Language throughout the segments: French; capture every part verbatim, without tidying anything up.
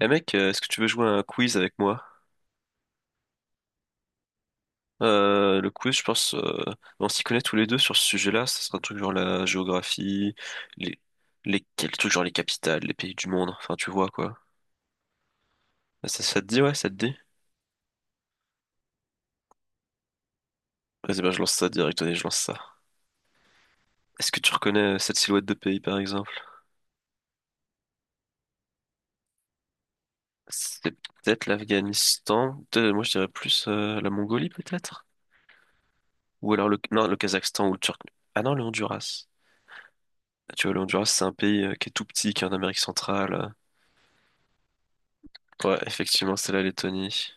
Eh mec, euh, est-ce que tu veux jouer à un quiz avec moi? Euh, le quiz, je pense, euh, on s'y connaît tous les deux sur ce sujet-là. Ça sera un truc genre la géographie, les, les, quels trucs genre les capitales, les pays du monde. Enfin, tu vois quoi. Ah, Ça, ça te dit, ouais, ça te dit? Vas-y, ben, je lance ça direct. Allez, je lance ça. Est-ce que tu reconnais euh, cette silhouette de pays, par exemple? C'est peut-être l'Afghanistan. Peut-être, moi, je dirais plus euh, la Mongolie, peut-être? Ou alors le, non, le Kazakhstan ou le Turc. Ah non, le Honduras. Ah, tu vois, le Honduras, c'est un pays euh, qui est tout petit, qui est en Amérique centrale. euh, Ouais, effectivement, c'est la Lettonie.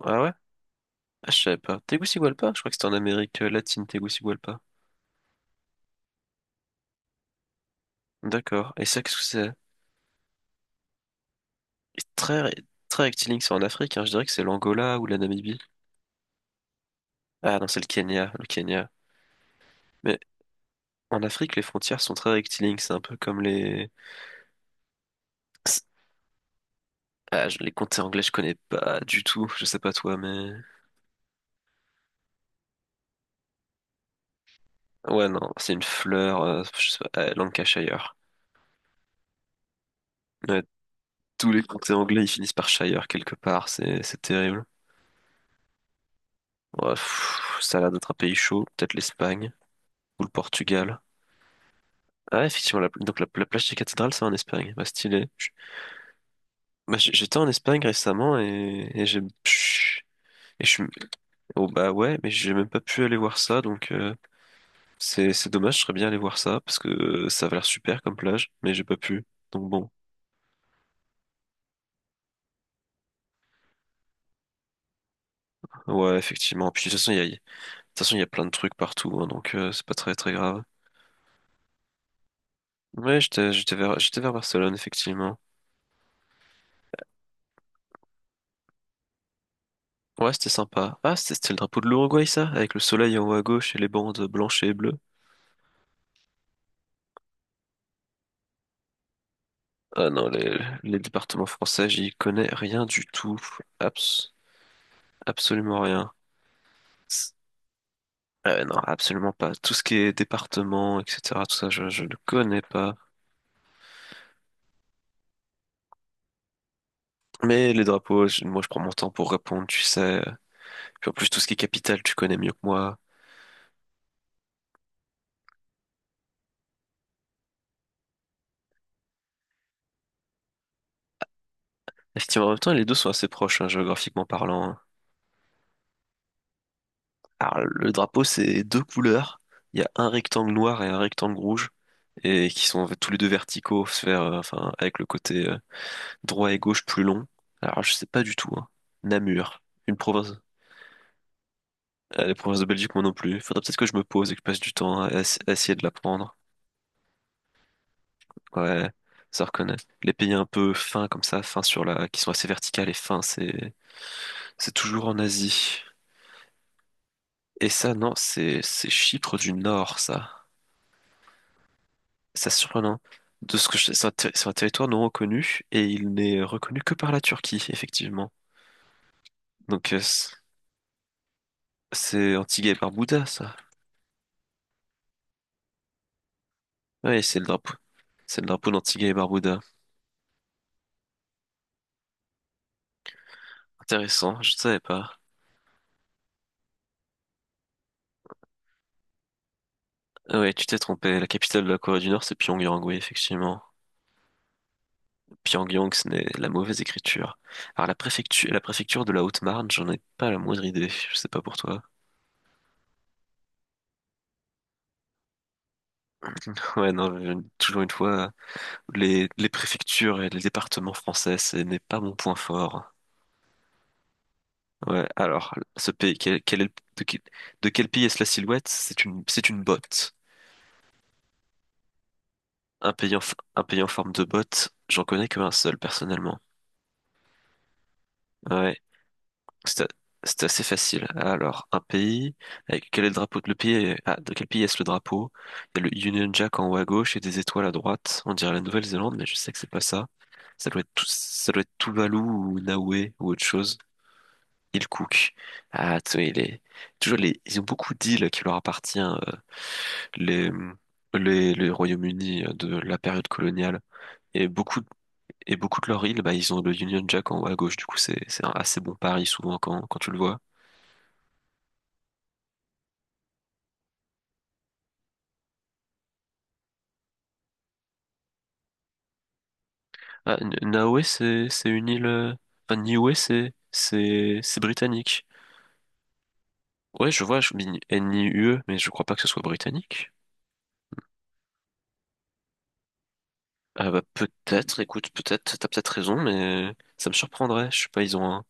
Ah ouais? Ah, je savais pas. Tegucigalpa? Je crois que c'était en Amérique euh, latine, Tegucigalpa. D'accord. Et ça, qu'est-ce que c'est? Et Très, ré- très rectiligne, c'est en Afrique, hein. Je dirais que c'est l'Angola ou la Namibie. Ah non, c'est le Kenya, le Kenya. Mais en Afrique, les frontières sont très rectilignes, c'est un peu comme les... C'est- Ah, je- les comtés anglais, je connais pas du tout, je sais pas toi, mais... Ouais, non, c'est une fleur, euh, je sais pas, euh, Lancashire. Ouais, tous les comtés anglais, ils finissent par Shire quelque part, c'est c'est terrible. Ouais, pff, ça a l'air d'être un pays chaud, peut-être l'Espagne ou le Portugal. Ah, ouais, effectivement, la, donc la, la plage des cathédrales, c'est en Espagne. Bah, stylé. Je- bah, j'- j'étais en Espagne récemment et, et j'ai. Pff, Et je, oh, bah ouais, mais j'ai même pas pu aller voir ça, donc euh, c'est c'est dommage, je serais bien allé voir ça, parce que euh, ça avait l'air super comme plage, mais j'ai pas pu. Donc bon, ouais, effectivement. Puis de toute façon, il y a, de toute façon, il y a plein de trucs partout, hein, donc euh, c'est pas très très grave. Ouais, j'étais j'étais vers, j'étais vers Barcelone, effectivement. Ouais, c'était sympa. Ah, c'était c'était le drapeau de l'Uruguay, ça? Avec le soleil en haut à gauche et les bandes blanches et bleues. Ah non, les, les départements français, j'y connais rien du tout. Abs- Absolument rien. C'est- Euh, non, absolument pas. Tout ce qui est département, et cetera, tout ça, je, je ne connais pas. Mais les drapeaux, je- moi, je prends mon temps pour répondre, tu sais. Puis en plus, tout ce qui est capitale, tu connais mieux que moi. Effectivement, en même temps, les deux sont assez proches, hein, géographiquement parlant, hein. Alors, le drapeau, c'est deux couleurs. Il y a un rectangle noir et un rectangle rouge, et qui sont en fait tous les deux verticaux, se faire, euh, enfin, avec le côté euh, droit et gauche plus long. Alors, je sais pas du tout, hein. Namur, une province. Euh, les provinces de Belgique, moi non plus. Faudrait peut-être que je me pose et que je passe du temps à, ess- à essayer de l'apprendre. Ouais, ça reconnaît. Les pays un peu fins comme ça, fins sur la, qui sont assez verticales et fins, c'est, c'est toujours en Asie. Et ça, non, c'est, c'est Chypre du Nord, ça. C'est surprenant. De ce que je sais, c'est un, ter- c'est un territoire non reconnu et il n'est reconnu que par la Turquie, effectivement. Donc, euh, c'est Antigua et Barbuda, ça. Oui, c'est le drapeau. C'est le drapeau d'Antigua et Barbuda. Intéressant, je ne savais pas. Ah ouais, tu t'es trompé. La capitale de la Corée du Nord, c'est Pyongyang, oui, effectivement. Pyongyang, ce n'est la mauvaise écriture. Alors, la préfecture, la préfecture de la Haute-Marne, j'en ai pas la moindre idée. Je sais pas pour toi. Ouais, non, je- toujours une fois, les, les préfectures et les départements français, ce n'est pas mon point fort. Ouais, alors, ce pays, quel, quel est le- de, quel, de quel pays est-ce la silhouette? C'est une, c'est une botte. Un pays en, f- un pays en forme de botte, j'en connais que un seul personnellement. Ouais, c'est a- c'est assez facile. Alors, un pays, avec quel est le drapeau de le pays est- ah, de quel pays est-ce le drapeau? Il y a le Union Jack en haut à gauche et des étoiles à droite. On dirait la Nouvelle-Zélande, mais je sais que c'est pas ça. Ça doit être tout, ça doit être Tuvalu ou Niue ou autre chose. Il Cook. Ah, tu sais, il est toujours les, ils ont beaucoup d'îles qui leur appartiennent. euh, les, les, les Royaumes-Unis euh, de la période coloniale. Et beaucoup Et beaucoup de leurs îles, bah, ils ont le Union Jack en haut à gauche, du coup c'est c'est un assez bon pari souvent quand, quand tu le vois. Ah, N- Niue c'est c'est une île, euh, enfin Niue c'est c'est c'est britannique. Ouais je vois, je dis N I U E, mais je crois pas que ce soit britannique. Ah bah peut-être, écoute peut-être, t'as peut-être raison, mais ça me surprendrait. Je sais pas, ils ont un.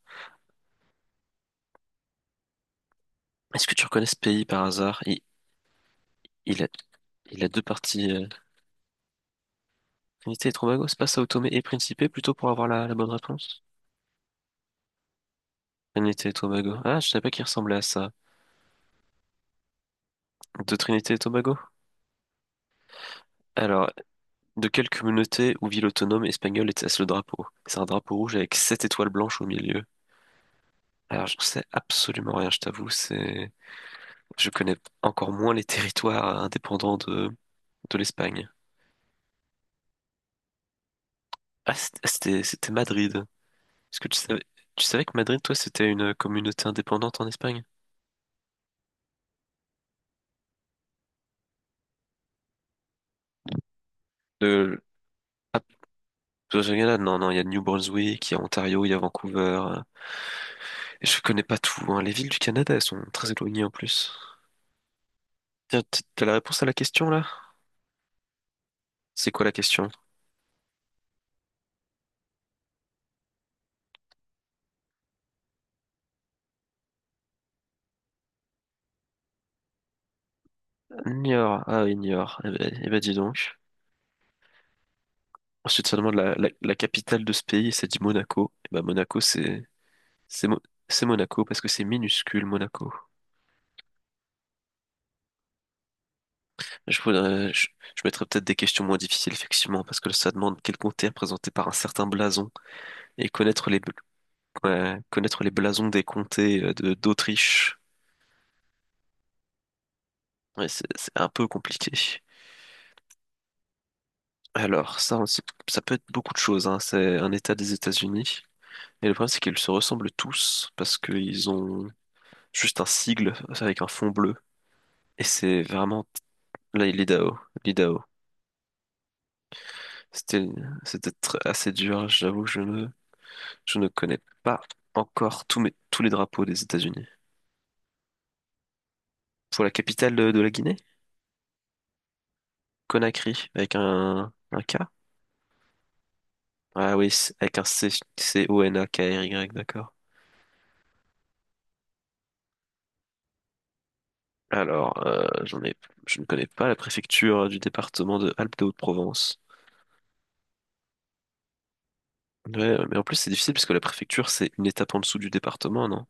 Est-ce que tu reconnais ce pays par hasard? Il, il a il a deux parties. euh, Trinité et Tobago, c'est pas Sao Tomé et Principe plutôt pour avoir la, la bonne réponse? Trinité et Tobago. Ah je savais pas qu'il ressemblait à ça. De Trinité et Tobago? Alors, de quelle communauté ou ville autonome espagnole était-ce le drapeau? C'est un drapeau rouge avec sept étoiles blanches au milieu. Alors, je sais absolument rien, je t'avoue, c'est... Je connais encore moins les territoires indépendants de, de l'Espagne. Ah, c't- c'était, c'était Madrid. Est-ce que tu savais, tu savais que Madrid, toi, c'était une communauté indépendante en Espagne? De... Ah, toi, j'ai rien là. Non, non, il y a New Brunswick, il y a Ontario, il y a Vancouver. Euh. Et je connais pas tout, hein. Les villes du Canada, elles sont très éloignées en plus. Tiens, t- t'as la réponse à la question, là? C'est quoi la question? Niort. Ah oui, Niort. Eh ben, eh ben, dis donc. Ensuite, ça demande la, la, la capitale de ce pays, et ça dit Monaco. Eh ben, Monaco, c'est c'est Mo- c'est Monaco parce que c'est minuscule, Monaco. Je, voudrais- je, je mettrais peut-être des questions moins difficiles, effectivement, parce que ça demande quel comté est représenté par un certain blason et connaître les, bl- ouais, connaître les blasons des comtés euh, de d'Autriche. Ouais, c'est c'est un peu compliqué. Alors, ça, on sait- ça peut être beaucoup de choses, hein. C'est un État des États-Unis. Et le problème, c'est qu'ils se ressemblent tous parce qu'ils ont juste un sigle avec un fond bleu. Et c'est vraiment là, il est l'I D A O, l'I D A O. C'était, C'était tr- assez dur. J'avoue, je ne, je ne connais pas encore tous mes, tous les drapeaux des États-Unis. Pour la capitale de, de la Guinée, Conakry, avec un, un K. Ah oui, c- avec un C, C-O-N-A-K-R-Y, d'accord. Alors, euh, j'en ai, je ne connais pas la préfecture du département de Alpes-de-Haute-Provence. Ouais, ouais, mais en plus c'est difficile parce que la préfecture c'est une étape en dessous du département, non?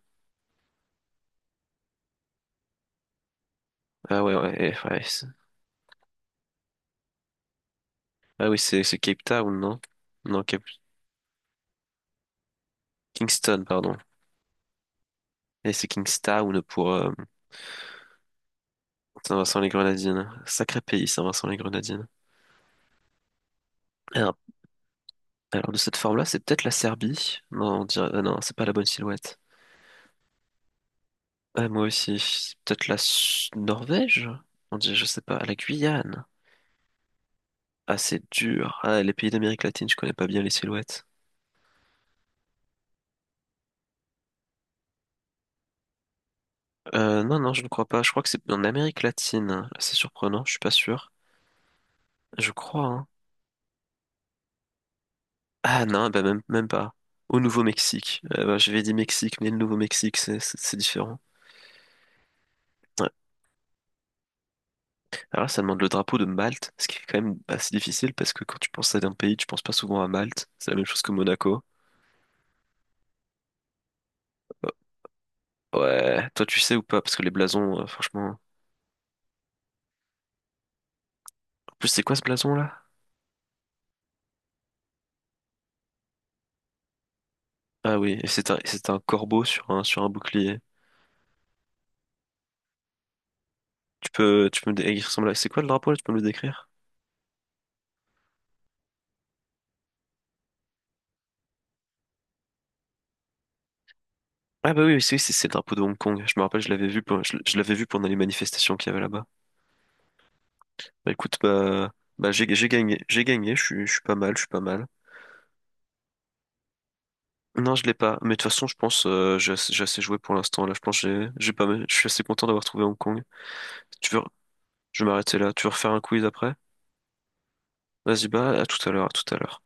Ah ouais, ouais, eh, ouais, c'est- Ah oui, c'est c'est Cape Town, non? Non, Cape... Kingston, pardon. Et c'est Kingstown pour euh, Saint-Vincent-les-Grenadines. Sacré pays, Saint-Vincent-les-Grenadines. Alors, alors, de cette forme-là, c'est peut-être la Serbie. Non, on dirait... ah non, c'est pas la bonne silhouette. Ah, moi aussi, c'est peut-être la S- Norvège? On dirait, je sais pas, la Guyane. Ah, c'est dur. Ah, les pays d'Amérique latine, je connais pas bien les silhouettes. Euh, non, non, je ne crois pas. Je crois que c'est en Amérique latine. C'est surprenant, je suis pas sûr. Je crois, hein. Ah non, bah même, même pas. Au Nouveau-Mexique. Euh, bah, j'avais dit Mexique, mais le Nouveau-Mexique, c'est c'est- c'est différent. Ouais. Alors là, ça demande le drapeau de Malte, ce qui est quand même assez difficile parce que quand tu penses à un pays, tu penses pas souvent à Malte. C'est la même chose que Monaco. Ouais, toi tu sais ou pas, parce que les blasons, euh, franchement. En plus, c'est quoi ce blason là? Ah oui, et c'est un, c'est un corbeau sur un, sur un bouclier. Tu peux, tu peux me dé- il ressemble à... C'est quoi le drapeau là? Tu peux me le décrire? Ah bah oui, oui, c'est c'est- c'est le drapeau de Hong Kong. Je me rappelle, je l'avais vu, pour- je, je l'avais vu pendant les manifestations qu'il y avait là-bas. Bah écoute, bah, bah j'ai j'ai gagné, j'ai gagné. Je suis, je suis pas mal, je suis pas mal. Non, je l'ai pas. Mais de toute façon, je pense, euh, j'ai assez, j'ai assez joué pour l'instant. Là, je pense, que j'ai, j'ai pas mal. Je suis assez content d'avoir trouvé Hong Kong. Tu veux, je vais m'arrêter là. Tu veux refaire un quiz après? Vas-y, bah à tout à l'heure, à tout à l'heure.